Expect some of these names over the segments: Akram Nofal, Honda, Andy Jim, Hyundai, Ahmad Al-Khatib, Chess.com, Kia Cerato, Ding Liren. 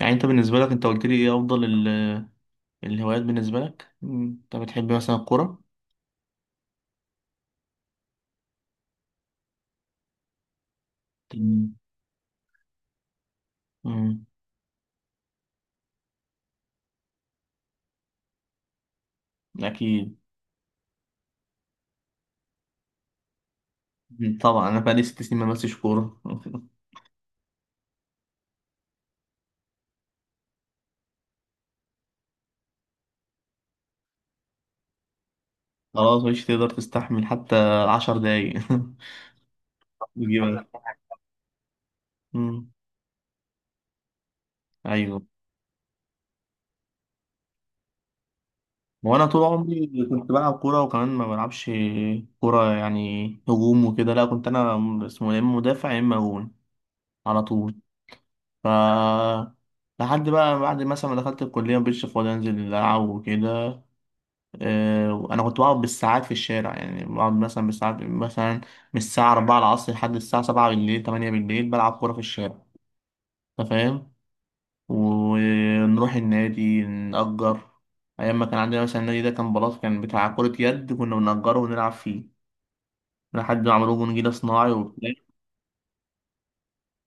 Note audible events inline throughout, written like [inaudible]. يعني انت بالنسبة لك، انت قلت لي ايه افضل الهوايات بالنسبة لك، انت بتحب مثلا الكورة؟ تمام. مم. اكيد. طبعا انا بقالي 6 سنين ما بمسش كورة [laughs] خلاص مش تقدر تستحمل حتى 10 دقايق [laughs] بيجيبك. مم. ايوه، وانا طول عمري كنت بلعب كورة، وكمان ما بلعبش كورة يعني هجوم وكده، لا كنت انا اسمه يا اما مدافع يا اما جون على طول. ف لحد بقى بعد مثلا ما دخلت الكلية مبقتش فاضي أنزل ألعب وكده. وانا كنت بقعد بالساعات في الشارع، يعني بقعد مثلا بالساعات، مثلا من الساعه 4 العصر لحد الساعه 7 بالليل، 8 بالليل بلعب كوره في الشارع، انت فاهم؟ ونروح النادي نأجر، ايام ما كان عندنا مثلا النادي ده كان بلاط، كان بتاع كره يد، كنا بنأجره ونلعب فيه لحد ما عملوه جون جديد صناعي وبتاع.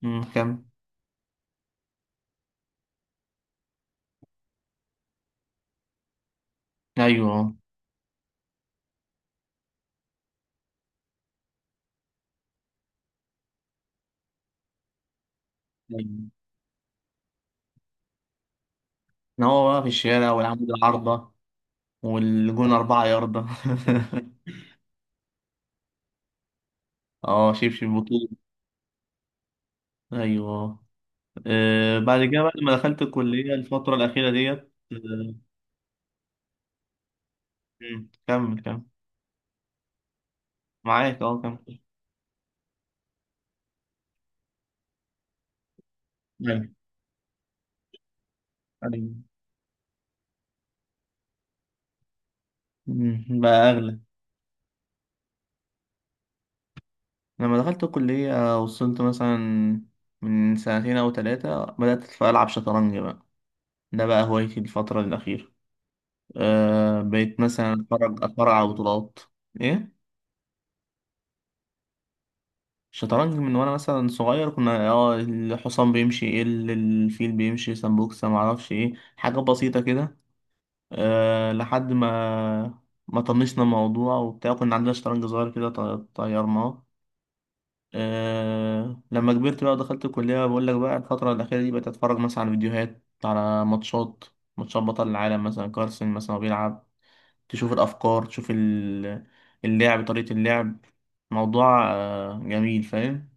كم. ايوه. أيوة. كان هو بقى في الشارع، والعمود العارضه، والجون 4 يارده. [laughs] اه شبشب بطوله. ايوه. بعد كده، بعد ما دخلت الكلية الفترة الأخيرة ديت. كمل كمل، معاك، كمل. أيوة. أيوة. بقى أغلى. لما دخلت الكلية وصلت مثلا، من سنتين أو ثلاثة بدأت ألعب شطرنج بقى، ده بقى هوايتي الفترة الأخيرة. بقيت مثلا أتفرج على بطولات. إيه؟ شطرنج من وأنا مثلا صغير، كنا الحصان بيمشي ايه، الفيل بيمشي سمبوكسة، معرفش ايه، حاجة بسيطة كده. لحد ما طنشنا الموضوع وبتاع، كنا عندنا شطرنج صغير كده، طيرناه. لما كبرت بقى ودخلت الكلية، بقول لك بقى الفترة الأخيرة دي بقيت أتفرج مثلا على فيديوهات، على ماتشات، ماتشات بطل العالم مثلا، كارسن مثلا وهو بيلعب، تشوف الأفكار، تشوف اللعب، طريقة اللعب، موضوع جميل، فاهم؟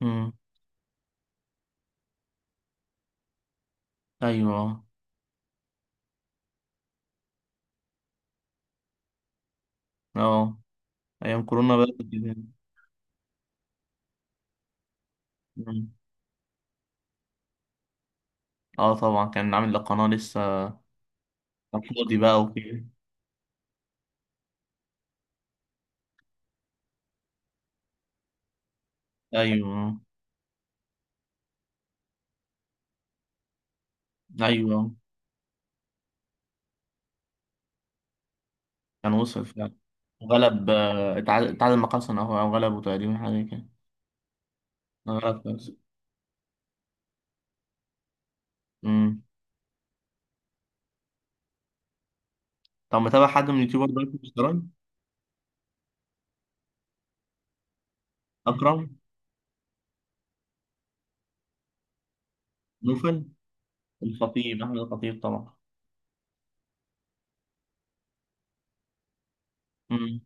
مم. أيوه. اه، أيام كورونا بقى كنت كده. مم. اه طبعا، كان عامل القناة لسه على الفاضي بقى وكده. ايوه. ايوه كان وصل فعلا، وغلب، اتعادل مع حسن اهو، او غلبه تقريبا حاجه كده. غلب حسن. امم. طب متابع حد من اليوتيوبر دلوقتي في الشطرنج؟ اكرم. نوفل. الخطيب، احمد الخطيب طبعا. امم.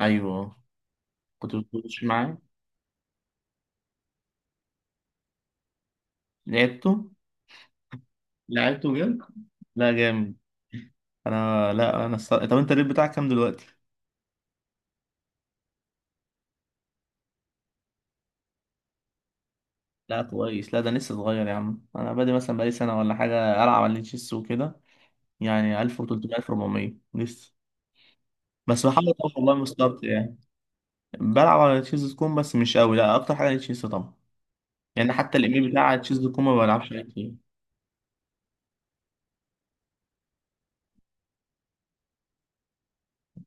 ايوه، كنت بتخش معاه. لعبته. لعبته جد؟ لا جامد. انا، لا، طب انت الريت بتاعك كام دلوقتي؟ لا كويس، لا ده لسه صغير يا عم، انا بادئ مثلا بقالي سنه ولا حاجه العب على التشيس وكده، يعني 1300، 1400 لسه، بس بحاول اطور والله من مستواي. بلعب على تشيز دوت كوم بس مش قوي، لا اكتر حاجه على تشيز طبعا. يعني حتى الايميل بتاع تشيز دوت كوم ما بلعبش عليه كتير.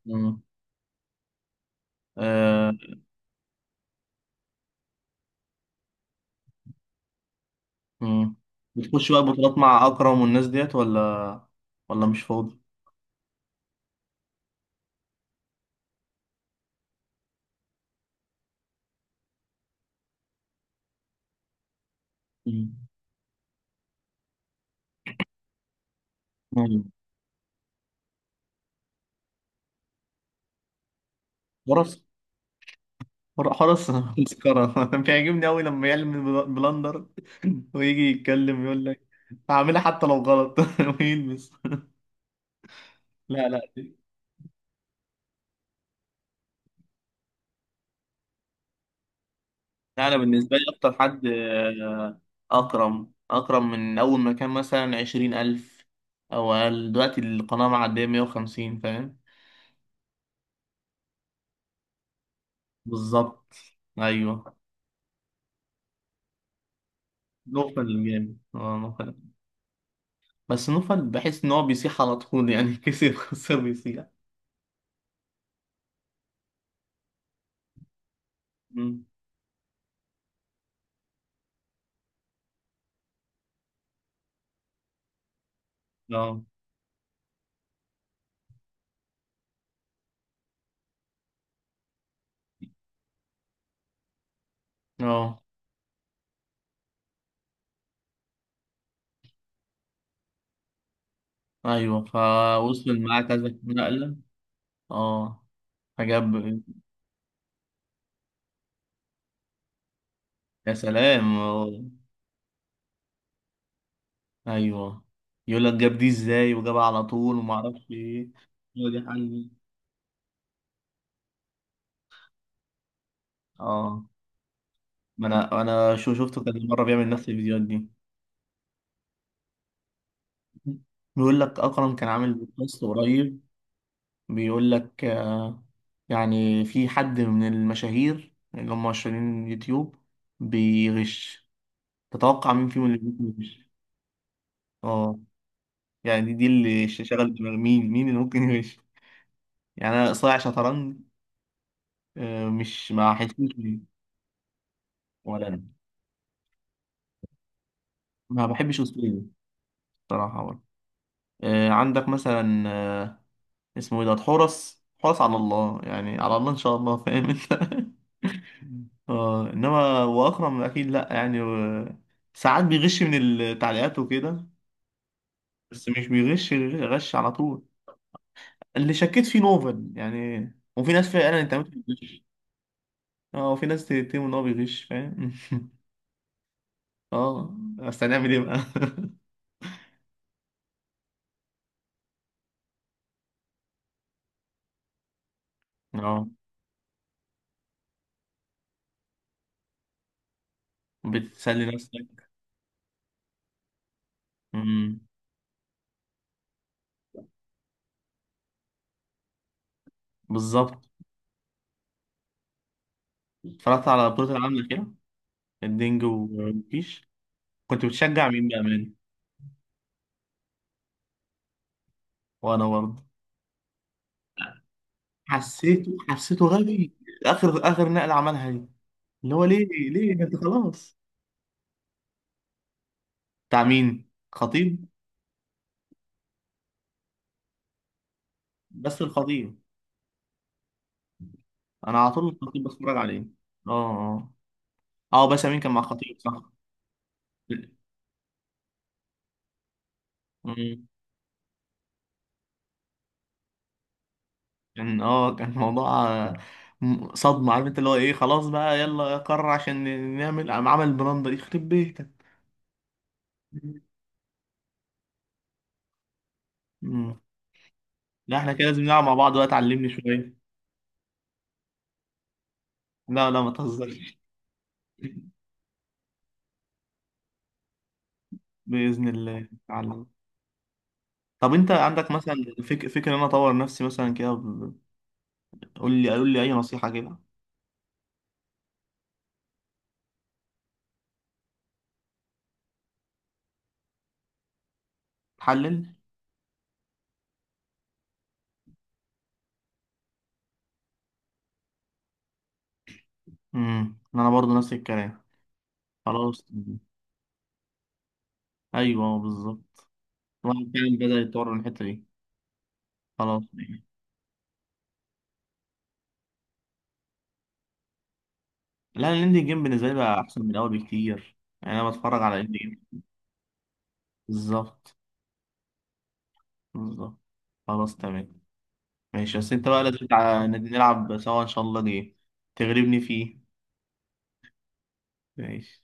مم. آه. مم. بتخش بقى بطولات مع اكرم والناس ديت، ولا مش فاضي. مم. مم. حرس. حرس. [laughs] مسكرة، أنا بيعجبني أوي لما يعلم بلندر. [laughs] ويجي يتكلم يقول لك هعملها حتى لو غلط [laughs] ويلبس. لا لا لا، أنا بالنسبة لي أكتر حد، أكرم. أكرم من أول ما كان مثلا 20 ألف أو أقل، دلوقتي القناة معدية 150، فاهم؟ بالظبط. أيوه. نوفل الجامد، نوفل. بس نوفل بحس إن هو بيسيح على طول يعني [laughs] كسب خسر بيسيح. مم. اه، اه، أيوه، فوصل معاه كذا نقلة. اه، فجاب. يا سلام، آه. أيوه. يقول لك جاب دي إزاي، وجابها على طول، ومعرفش إيه. هو دي حل. اه، ما انا شو شفته كذا مره بيعمل نفس الفيديوهات دي. بيقول لك اكرم كان عامل بودكاست قريب. بيقول لك. يعني في حد من المشاهير اللي هم مشهورين يوتيوب بيغش، تتوقع مين فيهم اللي ممكن يغش؟ اه. يعني دي اللي شغل دماغ، مين اللي ممكن يغش. يعني انا صايع شطرنج. مش ما حسيتش بيه. ولا انا، ما بحبش اسلوبه بصراحه برضه. عندك مثلا، اسمه ايه ده حورس، حورس على الله يعني، على الله ان شاء الله، فاهم انت؟ [laughs] اه انما واكرم اكيد لا يعني ساعات بيغش من التعليقات وكده، بس مش بيغش غش على طول. اللي شكيت فيه نوفل يعني، وفي ناس فعلا انت بتغش. اه، وفي ناس تتهم ان هو بيغش فاهم [laughs] اه بس هنعمل ايه بقى [laughs] اه، بتسلي نفسك. امم. بالظبط. اتفرجت على بطولة العالم الأخيرة، الدنج وكيش؟ كنت بتشجع مين بقى؟ وانا برضه. حسيته غبي، اخر اخر نقله عملها دي، اللي هو ليه ليه يعني؟ انت خلاص. بتاع مين، خطيب؟ بس الخطيب، انا على طول الخطيب بتفرج عليه. اه. اه. اه، باشا مين كان مع خطيب، صح؟ مم. كان موضوع، صدمه عارف انت، اللي هو ايه، خلاص بقى يلا يا قرر عشان نعمل، قام عمل البراندة دي يخرب بيتك. مم. لا احنا كده لازم نلعب مع بعض بقى، تعلمني شويه. لا لا، ما تهزرش. [laughs] بإذن الله تعلم. طب انت عندك مثلا فكرة ان انا اطور نفسي مثلا كده، قول لي قول لي اي نصيحة كده. حلل. امم، انا برضو نفس الكلام. خلاص. ايوه بالظبط، الواحد فعلا بدأ يتطور من الحتة دي. خلاص، لا الاندي جيم بالنسبة لي بقى احسن من الاول بكتير. يعني انا بتفرج على الاندي جيم. بالظبط. بالظبط. خلاص تمام ماشي. بس انت بقى لازم نلعب سوا ان شاء الله جيم، تغلبني فيه. ماشي